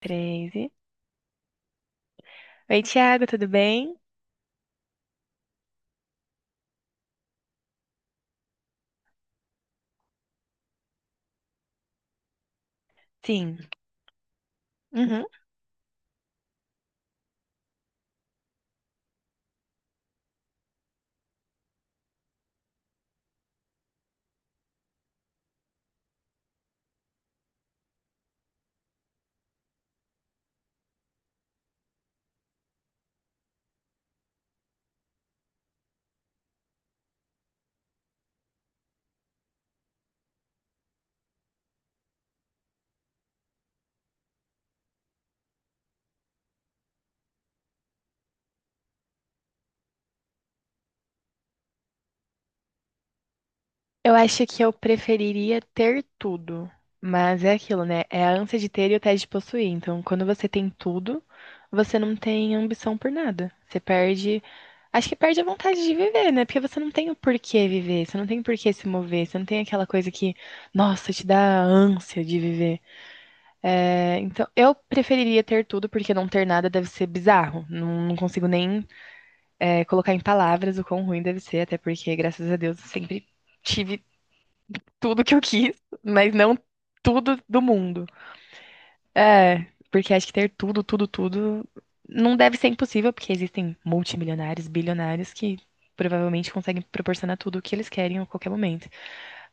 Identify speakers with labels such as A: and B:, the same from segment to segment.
A: 13, oi, Thiago, tudo bem? Sim. Uhum. Eu acho que eu preferiria ter tudo, mas é aquilo, né? É a ânsia de ter e o tédio de possuir. Então, quando você tem tudo, você não tem ambição por nada. Você perde. Acho que perde a vontade de viver, né? Porque você não tem o porquê viver, você não tem o porquê se mover, você não tem aquela coisa que, nossa, te dá ânsia de viver. É, então, eu preferiria ter tudo, porque não ter nada deve ser bizarro. Não, não consigo nem colocar em palavras o quão ruim deve ser, até porque, graças a Deus, eu sempre tive tudo que eu quis, mas não tudo do mundo. É, porque acho que ter tudo, tudo, tudo não deve ser impossível, porque existem multimilionários, bilionários que provavelmente conseguem proporcionar tudo o que eles querem a qualquer momento.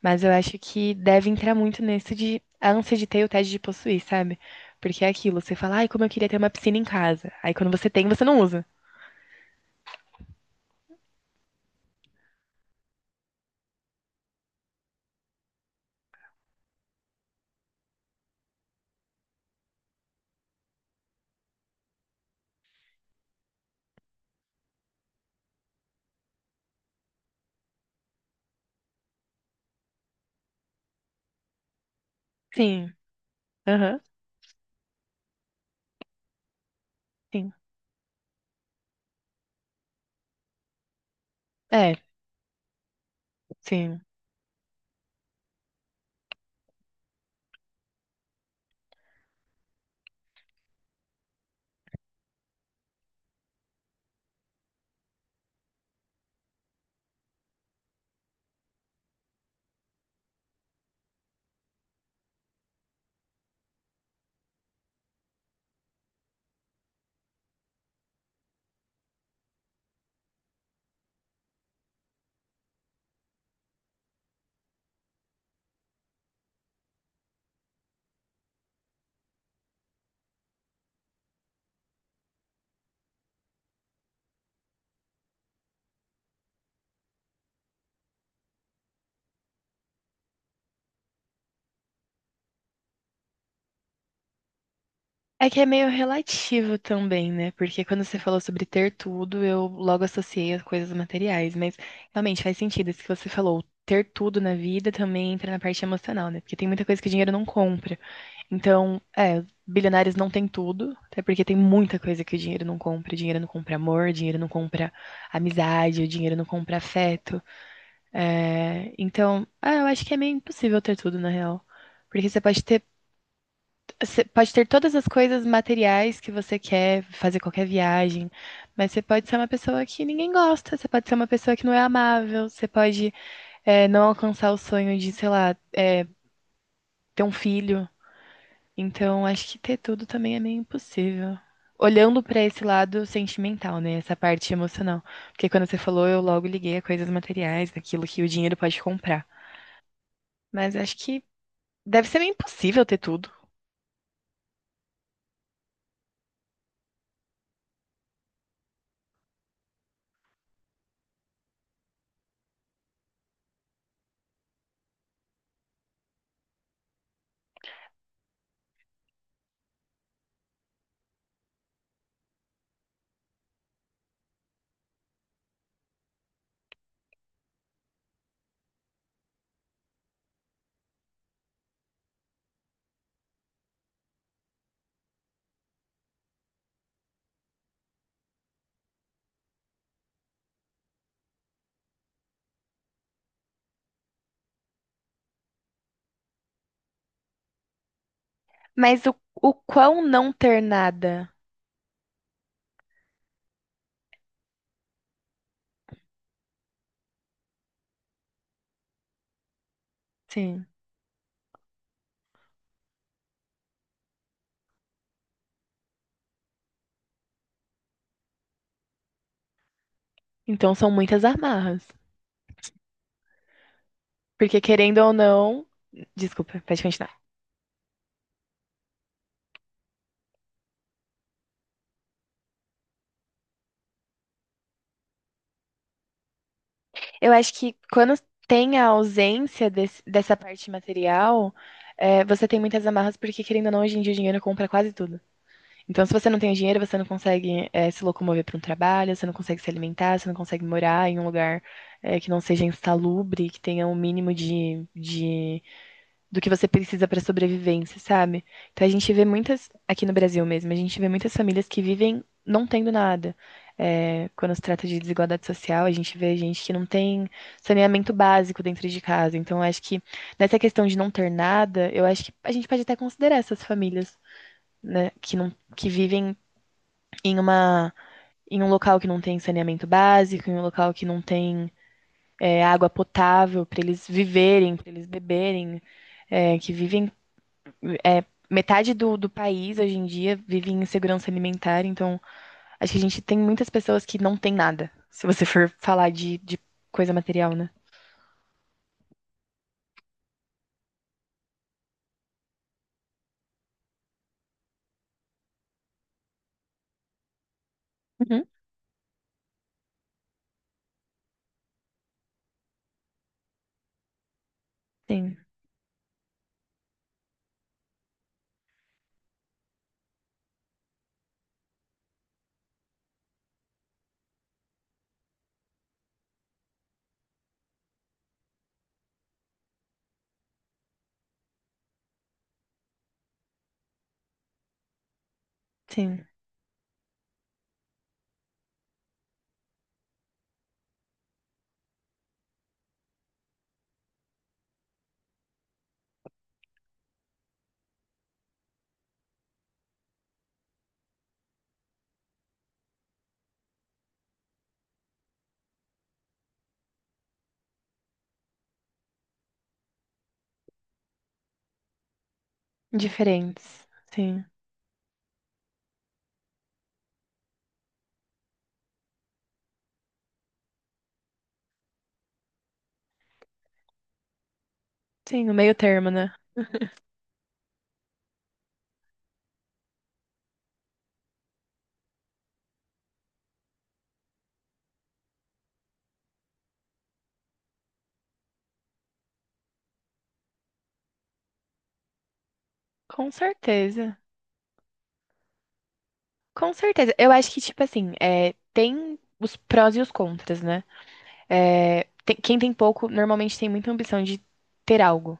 A: Mas eu acho que deve entrar muito nisso de a ânsia de ter e o tédio de possuir, sabe? Porque é aquilo, você fala, ai, como eu queria ter uma piscina em casa. Aí quando você tem, você não usa. Sim, aham, sim. É, sim. É que é meio relativo também, né? Porque quando você falou sobre ter tudo, eu logo associei as coisas materiais. Mas realmente faz sentido isso que você falou. Ter tudo na vida também entra na parte emocional, né? Porque tem muita coisa que dinheiro não compra. Então, bilionários não têm tudo, até porque tem muita coisa que o dinheiro não compra. O dinheiro não compra amor, o dinheiro não compra amizade, o dinheiro não compra afeto. É, então, ah, eu acho que é meio impossível ter tudo, na real. Porque você pode ter todas as coisas materiais que você quer, fazer qualquer viagem, mas você pode ser uma pessoa que ninguém gosta, você pode ser uma pessoa que não é amável, você pode, não alcançar o sonho de, sei lá, ter um filho. Então, acho que ter tudo também é meio impossível. Olhando pra esse lado sentimental, né? Essa parte emocional. Porque quando você falou, eu logo liguei a coisas materiais, daquilo que o dinheiro pode comprar. Mas acho que deve ser meio impossível ter tudo. Mas o quão não ter nada? Sim. Então são muitas amarras. Porque querendo ou não. Desculpa, pode continuar. Eu acho que quando tem a ausência dessa parte material, você tem muitas amarras, porque querendo ou não, hoje em dia o dinheiro compra quase tudo. Então, se você não tem o dinheiro, você não consegue, se locomover para um trabalho, você não consegue se alimentar, você não consegue morar em um lugar, que não seja insalubre, que tenha um mínimo de do que você precisa para sobrevivência, sabe? Então a gente vê muitas, aqui no Brasil mesmo, a gente vê muitas famílias que vivem não tendo nada. É, quando se trata de desigualdade social, a gente vê gente que não tem saneamento básico dentro de casa. Então, eu acho que nessa questão de não ter nada, eu acho que a gente pode até considerar essas famílias, né, que não, que vivem em uma, em um local que não tem saneamento básico, em um local que não tem água potável para eles viverem, para eles beberem, que vivem é, metade do país hoje em dia vive em insegurança alimentar, então acho que a gente tem muitas pessoas que não tem nada, se você for falar de coisa material, né? Uhum. Sim, sim. Diferentes. Sim, sim, no meio termo, né? Com certeza. Com certeza. Eu acho que, tipo assim, tem os prós e os contras, né? Quem tem pouco normalmente tem muita ambição de ter algo.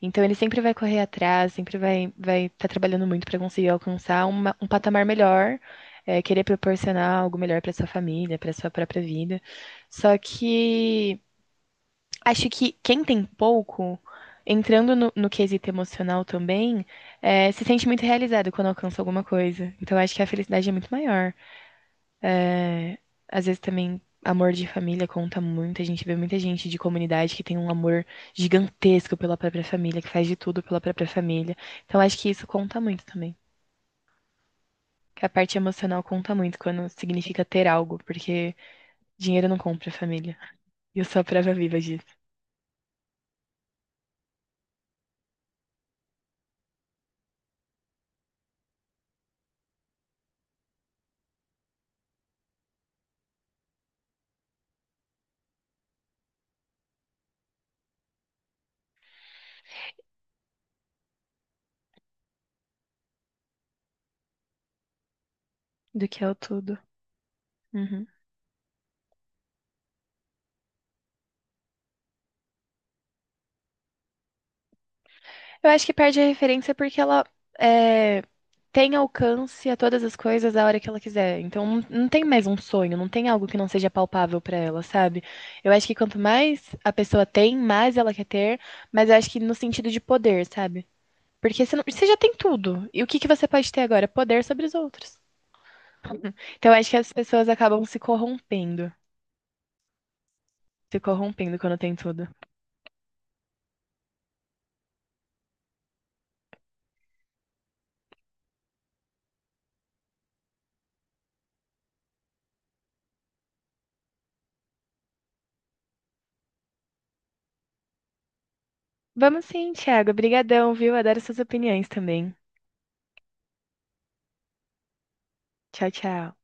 A: Então ele sempre vai correr atrás, sempre vai estar trabalhando muito para conseguir alcançar um patamar melhor, querer proporcionar algo melhor para sua família, para sua própria vida. Só que acho que quem tem pouco, entrando no quesito emocional também, se sente muito realizado quando alcança alguma coisa. Então acho que a felicidade é muito maior. Às vezes também amor de família conta muito. A gente vê muita gente de comunidade que tem um amor gigantesco pela própria família, que faz de tudo pela própria família. Então acho que isso conta muito também. Que a parte emocional conta muito quando significa ter algo, porque dinheiro não compra família. E eu sou a prova viva disso. Do que é o tudo. Uhum. Eu acho que perde a referência porque ela é, tem alcance a todas as coisas a hora que ela quiser. Então não tem mais um sonho, não tem algo que não seja palpável pra ela, sabe? Eu acho que quanto mais a pessoa tem, mais ela quer ter, mas eu acho que no sentido de poder, sabe? Porque você, você já tem tudo. E o que que você pode ter agora? Poder sobre os outros. Então eu acho que as pessoas acabam se corrompendo quando tem tudo. Vamos sim, Thiago. Obrigadão, viu? Adoro suas opiniões também. Tchau, tchau.